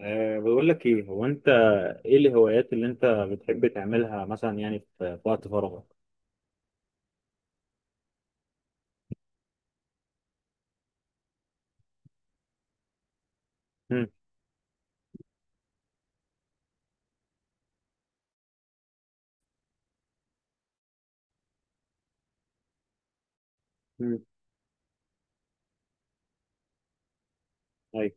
بقول لك ايه. هو انت ايه الهوايات اللي انت بتحب تعملها مثلا؟ يعني في وقت فراغك. امم. امم. ايوه،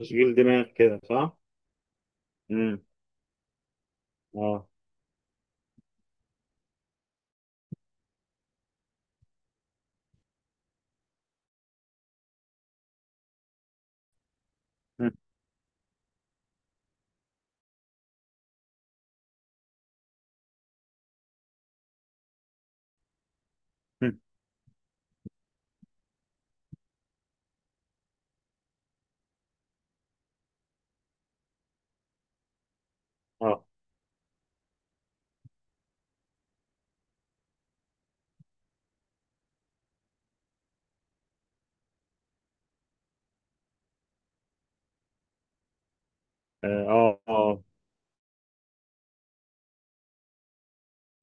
تشغيل دماغ كده، صح؟ امم. اه. مم. مم. اه. اه. اه. آه.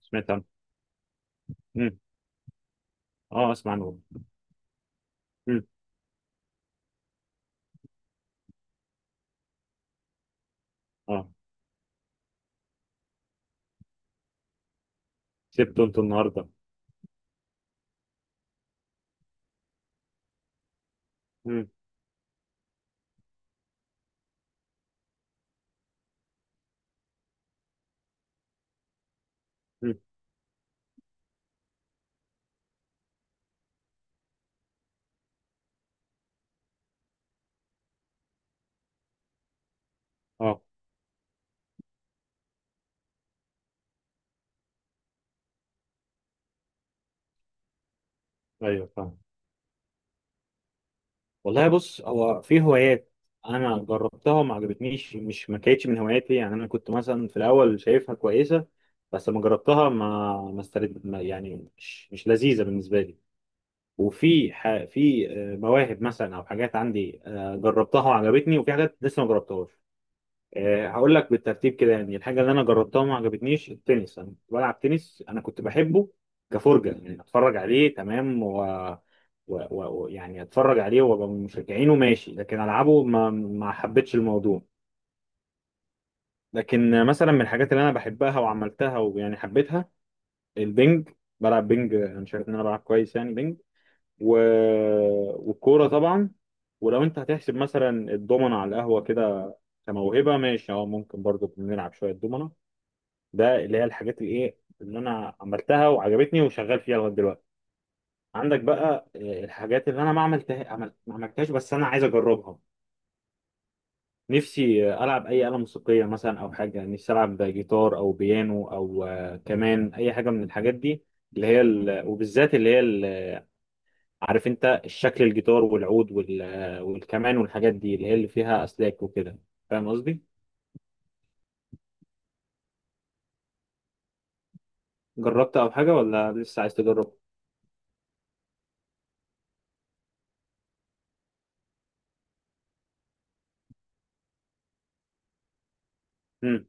سمعت عنه. امم. اه، اسمع عنه. امم. اه، سبته انت النهارده؟ امم. امم. اه. ايوه، فاهم. والله بص، هو في هوايات انا جربتها وما عجبتنيش، مش ما كانتش من هواياتي. يعني انا كنت مثلا في الاول شايفها كويسه، بس لما جربتها ما استرد، ما يعني مش لذيذه بالنسبه لي. في مواهب مثلا او حاجات عندي جربتها وعجبتني، وفي حاجات لسه ما جربتهاش. هقول لك بالترتيب كده. يعني الحاجه اللي انا جربتها وما عجبتنيش التنس. انا كنت بلعب تنس، انا كنت بحبه كفرجه، يعني اتفرج عليه، تمام، يعني اتفرج عليه وابقى من مشجعينه، ماشي، لكن العبه ما حبيتش الموضوع. لكن مثلا من الحاجات اللي انا بحبها وعملتها ويعني حبيتها، البنج. بلعب بنج، انا شايف ان انا بلعب كويس يعني بنج. و... والكوره طبعا. ولو انت هتحسب مثلا الضمنه على القهوه كده كموهبه، ماشي، اه، ممكن برضه بنلعب شويه دومنه. ده اللي هي الحاجات اللي ايه، اللي انا عملتها وعجبتني وشغال فيها لغايه دلوقتي. عندك بقى الحاجات اللي انا ما عملتها، عملت ما عملتهاش بس انا عايز اجربها. نفسي العب اي آلة موسيقية مثلا، او حاجة نفسي العب جيتار او بيانو او كمان اي حاجة من الحاجات دي، وبالذات عارف انت الشكل، الجيتار والعود والكمان والحاجات دي اللي هي اللي فيها اسلاك وكده، فاهم قصدي. جربت او حاجة ولا لسه عايز تجرب؟ امم.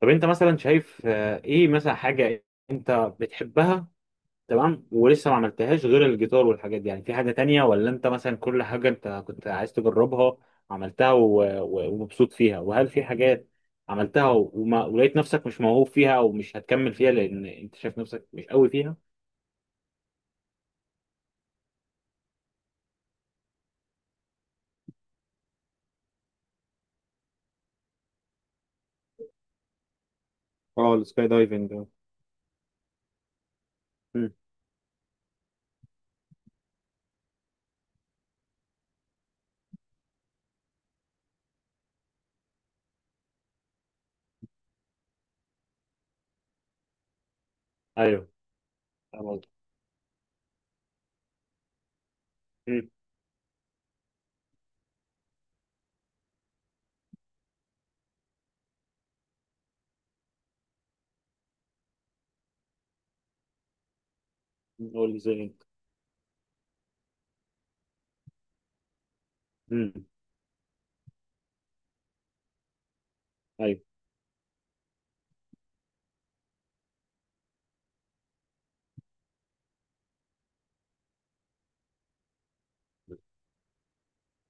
طب انت مثلا شايف ايه مثلا حاجة انت بتحبها، تمام، ولسه ما عملتهاش غير الجيتار والحاجات دي؟ يعني في حاجة تانية، ولا انت مثلا كل حاجة انت كنت عايز تجربها عملتها ومبسوط فيها، وهل في حاجات عملتها ولقيت نفسك مش موهوب فيها او مش هتكمل فيها لان انت شايف نفسك مش قوي فيها؟ اه، السكاي دايفنج ده. امم. ايوه، فاهم قصدك. امم. قول لي زي انت. امم. ايوه،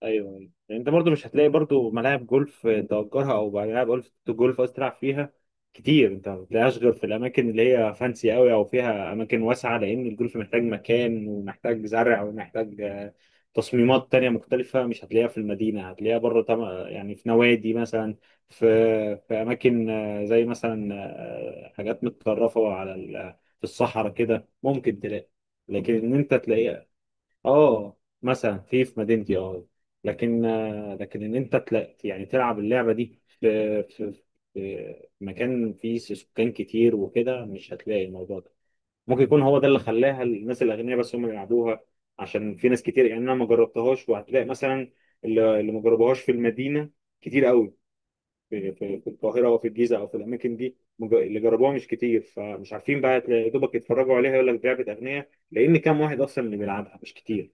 ايوه، ايوه. يعني انت برضو مش هتلاقي برضو ملاعب جولف تأجرها، او ملاعب جولف، جولف قصدي، تلعب فيها كتير. انت ما بتلاقيهاش غير في الاماكن اللي هي فانسي قوي، او فيها اماكن واسعه، لان الجولف محتاج مكان، ومحتاج زرع، ومحتاج تصميمات تانية مختلفة. مش هتلاقيها في المدينة، هتلاقيها بره. يعني في نوادي مثلا، في في أماكن زي مثلا حاجات متطرفة على في الصحراء كده ممكن تلاقي. لكن إن أنت تلاقي، اه مثلا في مدينتي، اه، لكن لكن ان انت يعني تلعب اللعبه دي في في مكان فيه سكان كتير وكده، مش هتلاقي الموضوع ده. ممكن يكون هو ده اللي خلاها الناس الاغنياء بس هم اللي يلعبوها، عشان في ناس كتير يعني انا ما جربتهاش. وهتلاقي مثلا اللي ما جربوهاش في المدينه كتير قوي، في القاهره او في الجيزه او في الاماكن دي. اللي جربوها مش كتير، فمش عارفين بقى. تلاقي يا دوبك يتفرجوا عليها، يقول لك لعبه اغنياء، لان كام واحد اصلا اللي بيلعبها؟ مش كتير.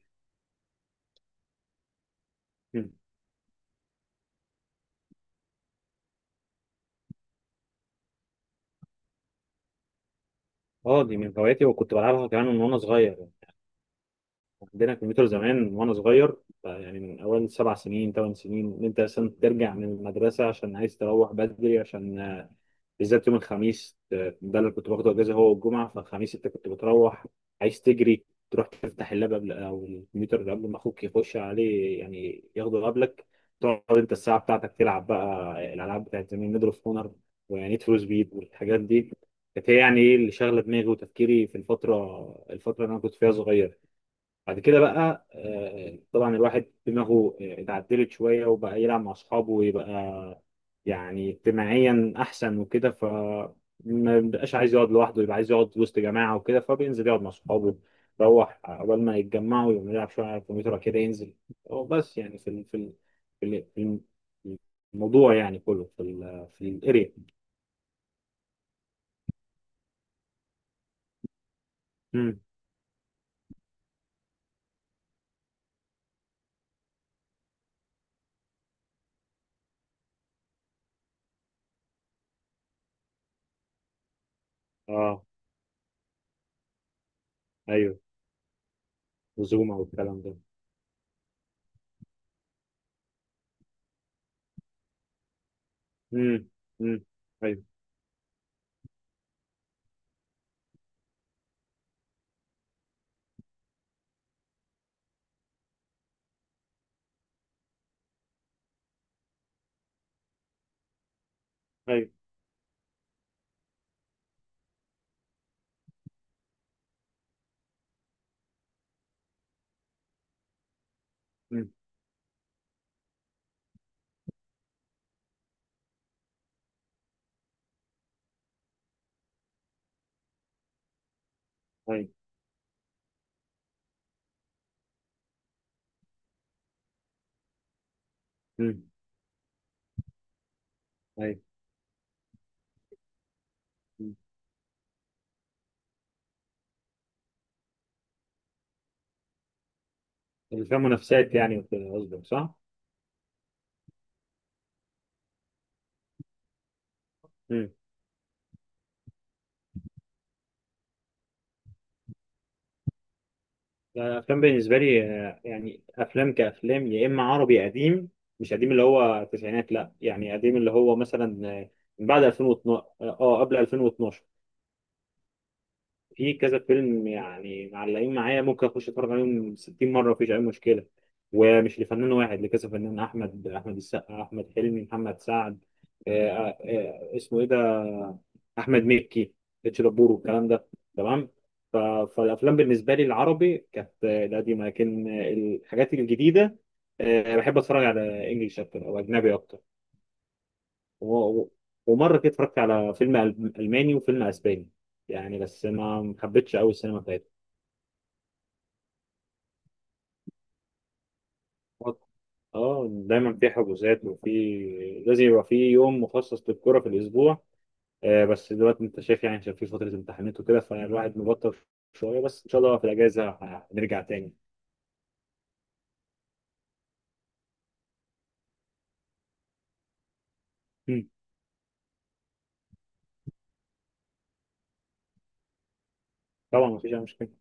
اه، دي من هواياتي، وكنت بلعبها كمان من وانا صغير يعني. عندنا كمبيوتر زمان من وانا صغير. يعني من اول 7 سنين 8 سنين، ان انت اصلا ترجع من المدرسه عشان عايز تروح بدري، عشان بالذات يوم الخميس، ده اللي كنت باخده اجازه هو والجمعه. فالخميس انت كنت بتروح عايز تجري، تروح تفتح اللاب قبل، او الكمبيوتر قبل ما اخوك يخش عليه، يعني ياخده قبلك. تقعد انت الساعه بتاعتك تلعب بقى الالعاب بتاعت زمان، ميدل اوف اونر ونيد فور سبيد والحاجات دي. كانت هي يعني ايه اللي شاغله دماغي وتفكيري في الفتره اللي انا كنت فيها صغير. بعد كده بقى طبعا الواحد دماغه اتعدلت شوية، وبقى يلعب مع أصحابه، ويبقى يعني اجتماعيا أحسن وكده. ف ما بقاش عايز يقعد لوحده، يبقى عايز يقعد وسط جماعة وكده، فبينزل يقعد مع أصحابه، يروح قبل ما يتجمعوا، يقوم يلعب شوية على الكمبيوتر كده، ينزل هو. بس يعني في ال- في ال- الموضوع يعني كله في ال، في الاريا. امم. اه. ايوه، وزوما والكلام ده. امم. امم. ايوه، ايوه. امم. ايوه. امم. مم. اللي فيها منافسات يعني وكده قصدك، صح؟ مم. الأفلام بالنسبة لي يعني أفلام كأفلام، يا إما عربي قديم، مش قديم اللي هو التسعينات، لا، يعني قديم اللي هو مثلا من بعد 2012، اه، قبل 2012، في كذا فيلم يعني معلقين معايا، ممكن اخش اتفرج عليهم 60 مره، مفيش اي مشكله. ومش لفنان واحد، لكذا فنان، احمد السقا، احمد حلمي، محمد سعد، آه، آه، اسمه ايه ده، احمد مكي، اتش دبور والكلام ده، تمام. ف- فالافلام بالنسبه لي العربي كانت القديمه، لكن الحاجات الجديده بحب اتفرج على انجلش اكتر، او اجنبي اكتر. و- و- ومره كده اتفرجت على فيلم الماني وفيلم اسباني، يعني، بس ما حبيتش قوي السينما بتاعتهم. اه، دايما في حجوزات، وفي لازم يبقى في يوم مخصص للكرة في الأسبوع. آه بس دلوقتي أنت شايف يعني، عشان في فترة امتحانات وكده، فالواحد مبطل شوية، بس إن شاء الله في الأجازة هنرجع تاني. مم. طبعا، مفيش أي مشكلة.